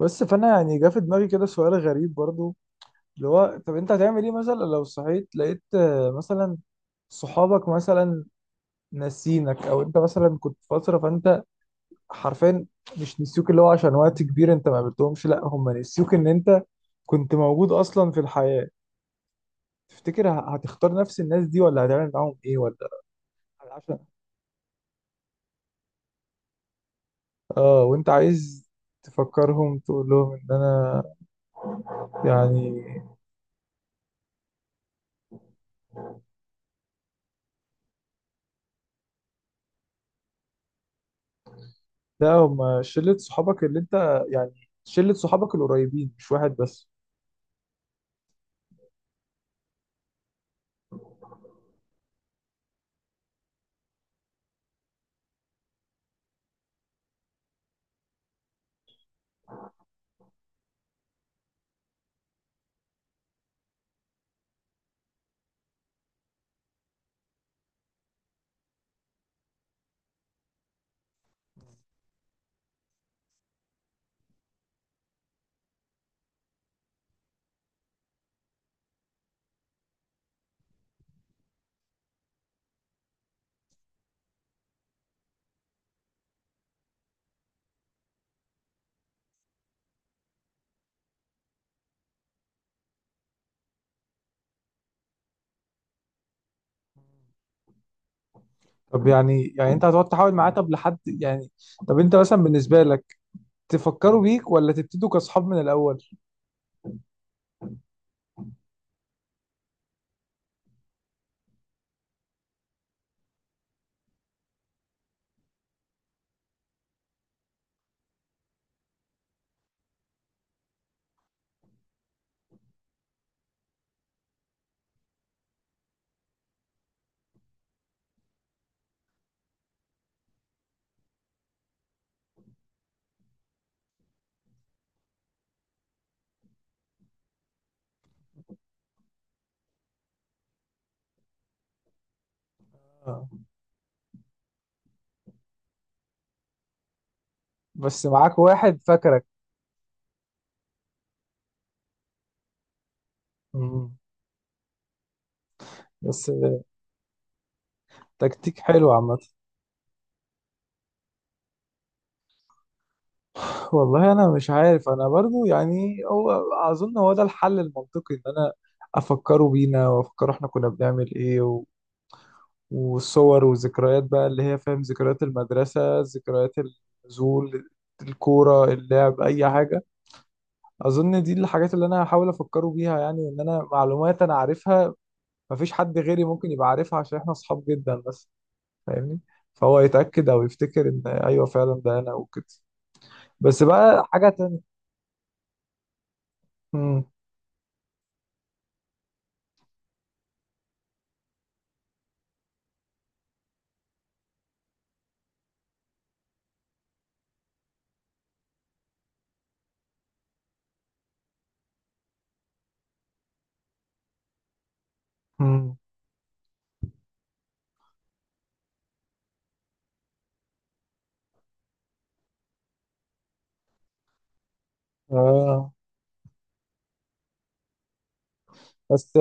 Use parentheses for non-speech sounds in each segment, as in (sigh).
بس فانا جه في دماغي كده سؤال غريب برضو، اللي هو طب انت هتعمل ايه مثلا لو صحيت لقيت مثلا صحابك مثلا ناسينك، او انت مثلا كنت في فتره فانت حرفيا مش نسيوك، اللي هو عشان وقت كبير انت ما قابلتهمش، لا هم نسيوك ان انت كنت موجود اصلا في الحياه. تفتكر هتختار نفس الناس دي ولا هتعمل معاهم ايه، ولا عشان اه، وانت عايز تفكرهم تقول لهم ان انا يعني. لا هم شلة صحابك، اللي انت يعني شلة صحابك القريبين مش واحد بس. طب يعني انت هتقعد تحاول معاه، طب لحد يعني. طب انت مثلا بالنسبة لك تفكروا بيك ولا تبتدوا كأصحاب من الأول؟ آه. بس معاك واحد فاكرك. مم. بس تكتيك حلو عامة. (laughs) والله انا مش عارف، انا برضو يعني هو اظن هو ده الحل المنطقي، ان انا افكروا بينا وافكروا احنا كنا بنعمل ايه، والصور والذكريات بقى اللي هي فاهم، ذكريات المدرسة، ذكريات النزول، الكورة، اللعب، أي حاجة. أظن دي الحاجات اللي أنا هحاول أفكره بيها يعني، إن أنا معلومات أنا عارفها مفيش حد غيري ممكن يبقى عارفها عشان إحنا أصحاب جدا. بس فاهمني، فهو يتأكد أو يفتكر إن أيوه فعلا ده أنا وكده. بس بقى حاجة تانية. مم. مم. آه، بس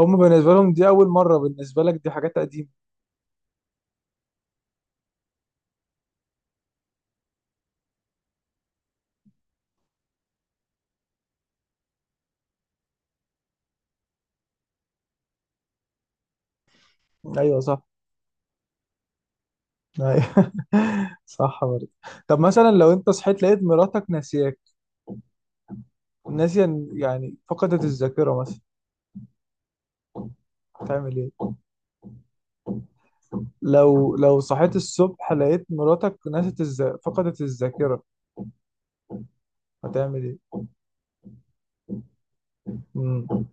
هم بالنسبة لهم دي أول مرة، بالنسبة لك دي حاجات قديمة. أيوه صح. أيوة. (laughs) صح برضه. طب مثلا لو انت صحيت لقيت مراتك ناسياك، ناسية يعني فقدت الذاكرة مثلا، تعمل ايه؟ لو صحيت الصبح لقيت مراتك نسيت فقدت الذاكرة، هتعمل ايه؟ مم.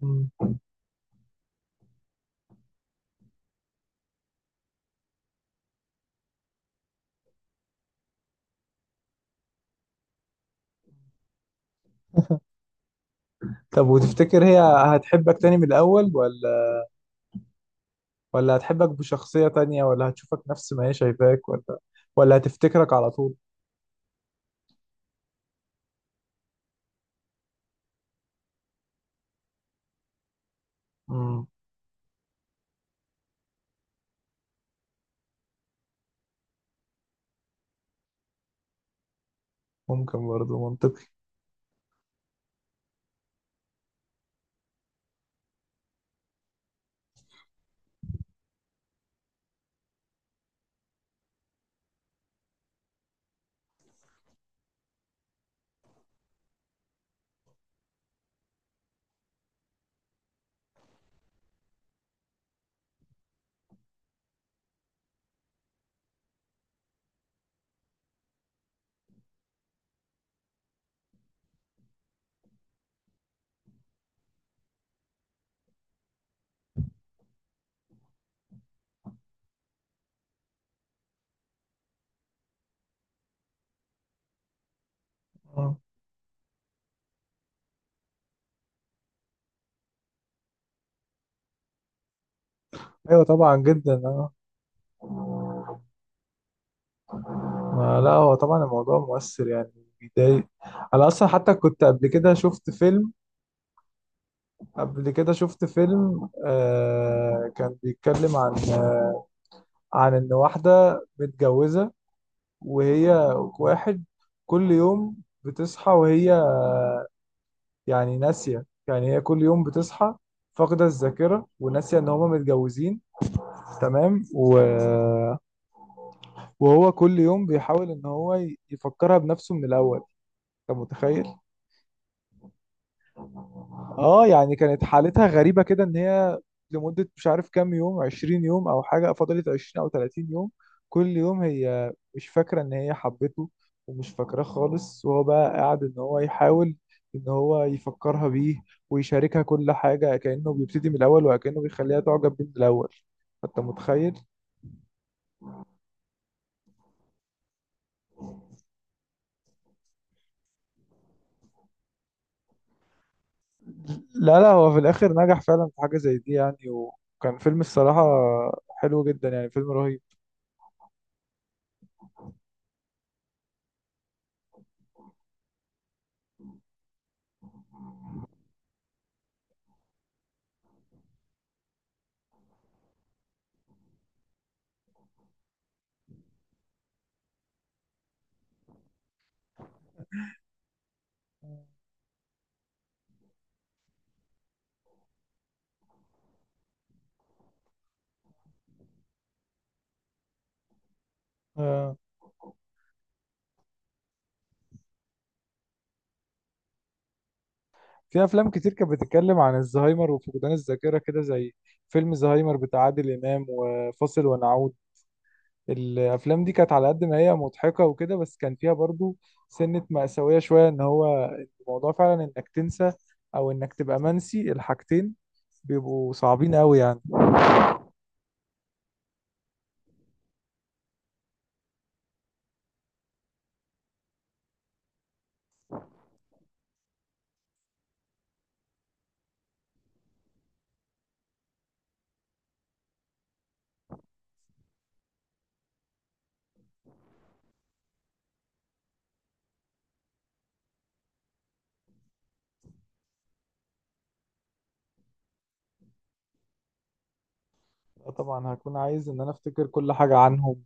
مم. طب وتفتكر هي هتحبك تاني من الأول، ولا ولا هتحبك بشخصية تانية، ولا هتشوفك نفس ما هي شايفاك، ولا هتفتكرك على طول؟ مم. ممكن برضه منطقي. آه. ايوه طبعا جدا. آه. ما لا، هو طبعا الموضوع مؤثر يعني، بيضايق. انا اصلا حتى كنت قبل كده شفت فيلم كان بيتكلم عن ان واحده متجوزه، وهي واحد كل يوم بتصحى وهي يعني ناسيه، يعني هي كل يوم بتصحى فاقده الذاكره وناسيه ان هما متجوزين، تمام. وهو كل يوم بيحاول ان هو يفكرها بنفسه من الاول، انت متخيل؟ اه، يعني كانت حالتها غريبة كده، ان هي لمدة مش عارف كام يوم، 20 يوم او حاجة، فضلت 20 او 30 يوم كل يوم هي مش فاكرة ان هي حبته ومش فاكراه خالص، وهو بقى قاعد ان هو يحاول ان هو يفكرها بيه ويشاركها كل حاجة، كأنه بيبتدي من الاول وكأنه بيخليها تعجب بيه من الاول. انت متخيل؟ لا لا، هو في الاخر نجح فعلا في حاجة زي دي يعني، وكان فيلم الصراحة حلو جدا يعني، فيلم رهيب. آه. في افلام كتير كانت بتتكلم عن الزهايمر وفقدان الذاكره كده، زي فيلم زهايمر بتاع عادل امام، وفاصل ونعود. الافلام دي كانت على قد ما هي مضحكه وكده، بس كان فيها برضو سنه مأساويه شويه، ان هو الموضوع فعلا انك تنسى او انك تبقى منسي، الحاجتين بيبقوا صعبين قوي يعني. طبعا هكون عايز ان انا افتكر كل حاجه عنهم،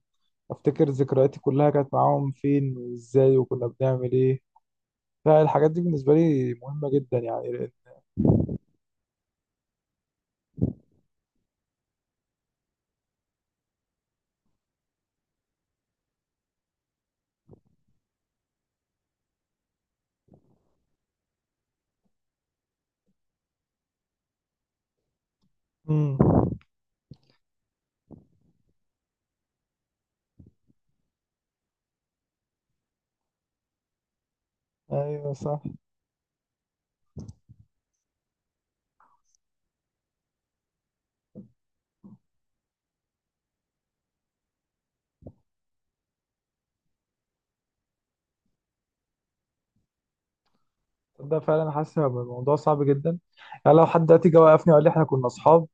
افتكر ذكرياتي كلها كانت معاهم فين وازاي وكنا بنعمل ايه، فالحاجات دي بالنسبه لي مهمه جدا يعني. امم ايوه صح. ده فعلا حاسس هيبقى الموضوع صعب جدا، يعني لو حد دلوقتي جه وقفني وقال لي احنا كنا اصحاب،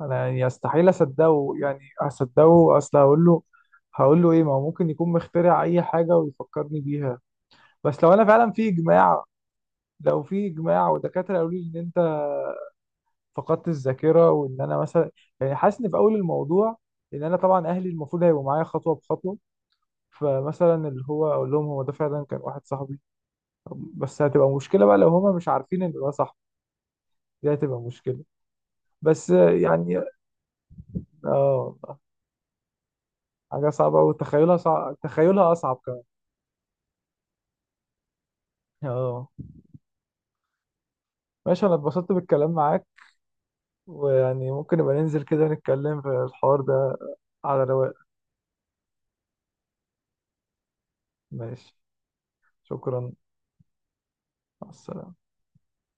انا يعني استحيل اصدقه يعني اصدقه، اصل هقول له ايه، ما هو ممكن يكون مخترع اي حاجه ويفكرني بيها. بس لو انا فعلا في اجماع لو في اجماع ودكاتره قالوا لي ان انت فقدت الذاكره، وان انا مثلا يعني حاسس ان في اول الموضوع، ان انا طبعا اهلي المفروض هيبقوا معايا خطوه بخطوه، فمثلا اللي هو اقول لهم هو ده فعلا كان واحد صاحبي، بس هتبقى مشكله بقى لو هما مش عارفين ان ده صاحبي، دي هتبقى مشكله. بس يعني. اه، حاجة صعبة وتخيلها صعب، تخيلها أصعب كمان. اه ماشي، أنا اتبسطت بالكلام معاك، ويعني ممكن نبقى ننزل كده نتكلم في الحوار ده على رواق. ماشي. شكرا. مع السلامة.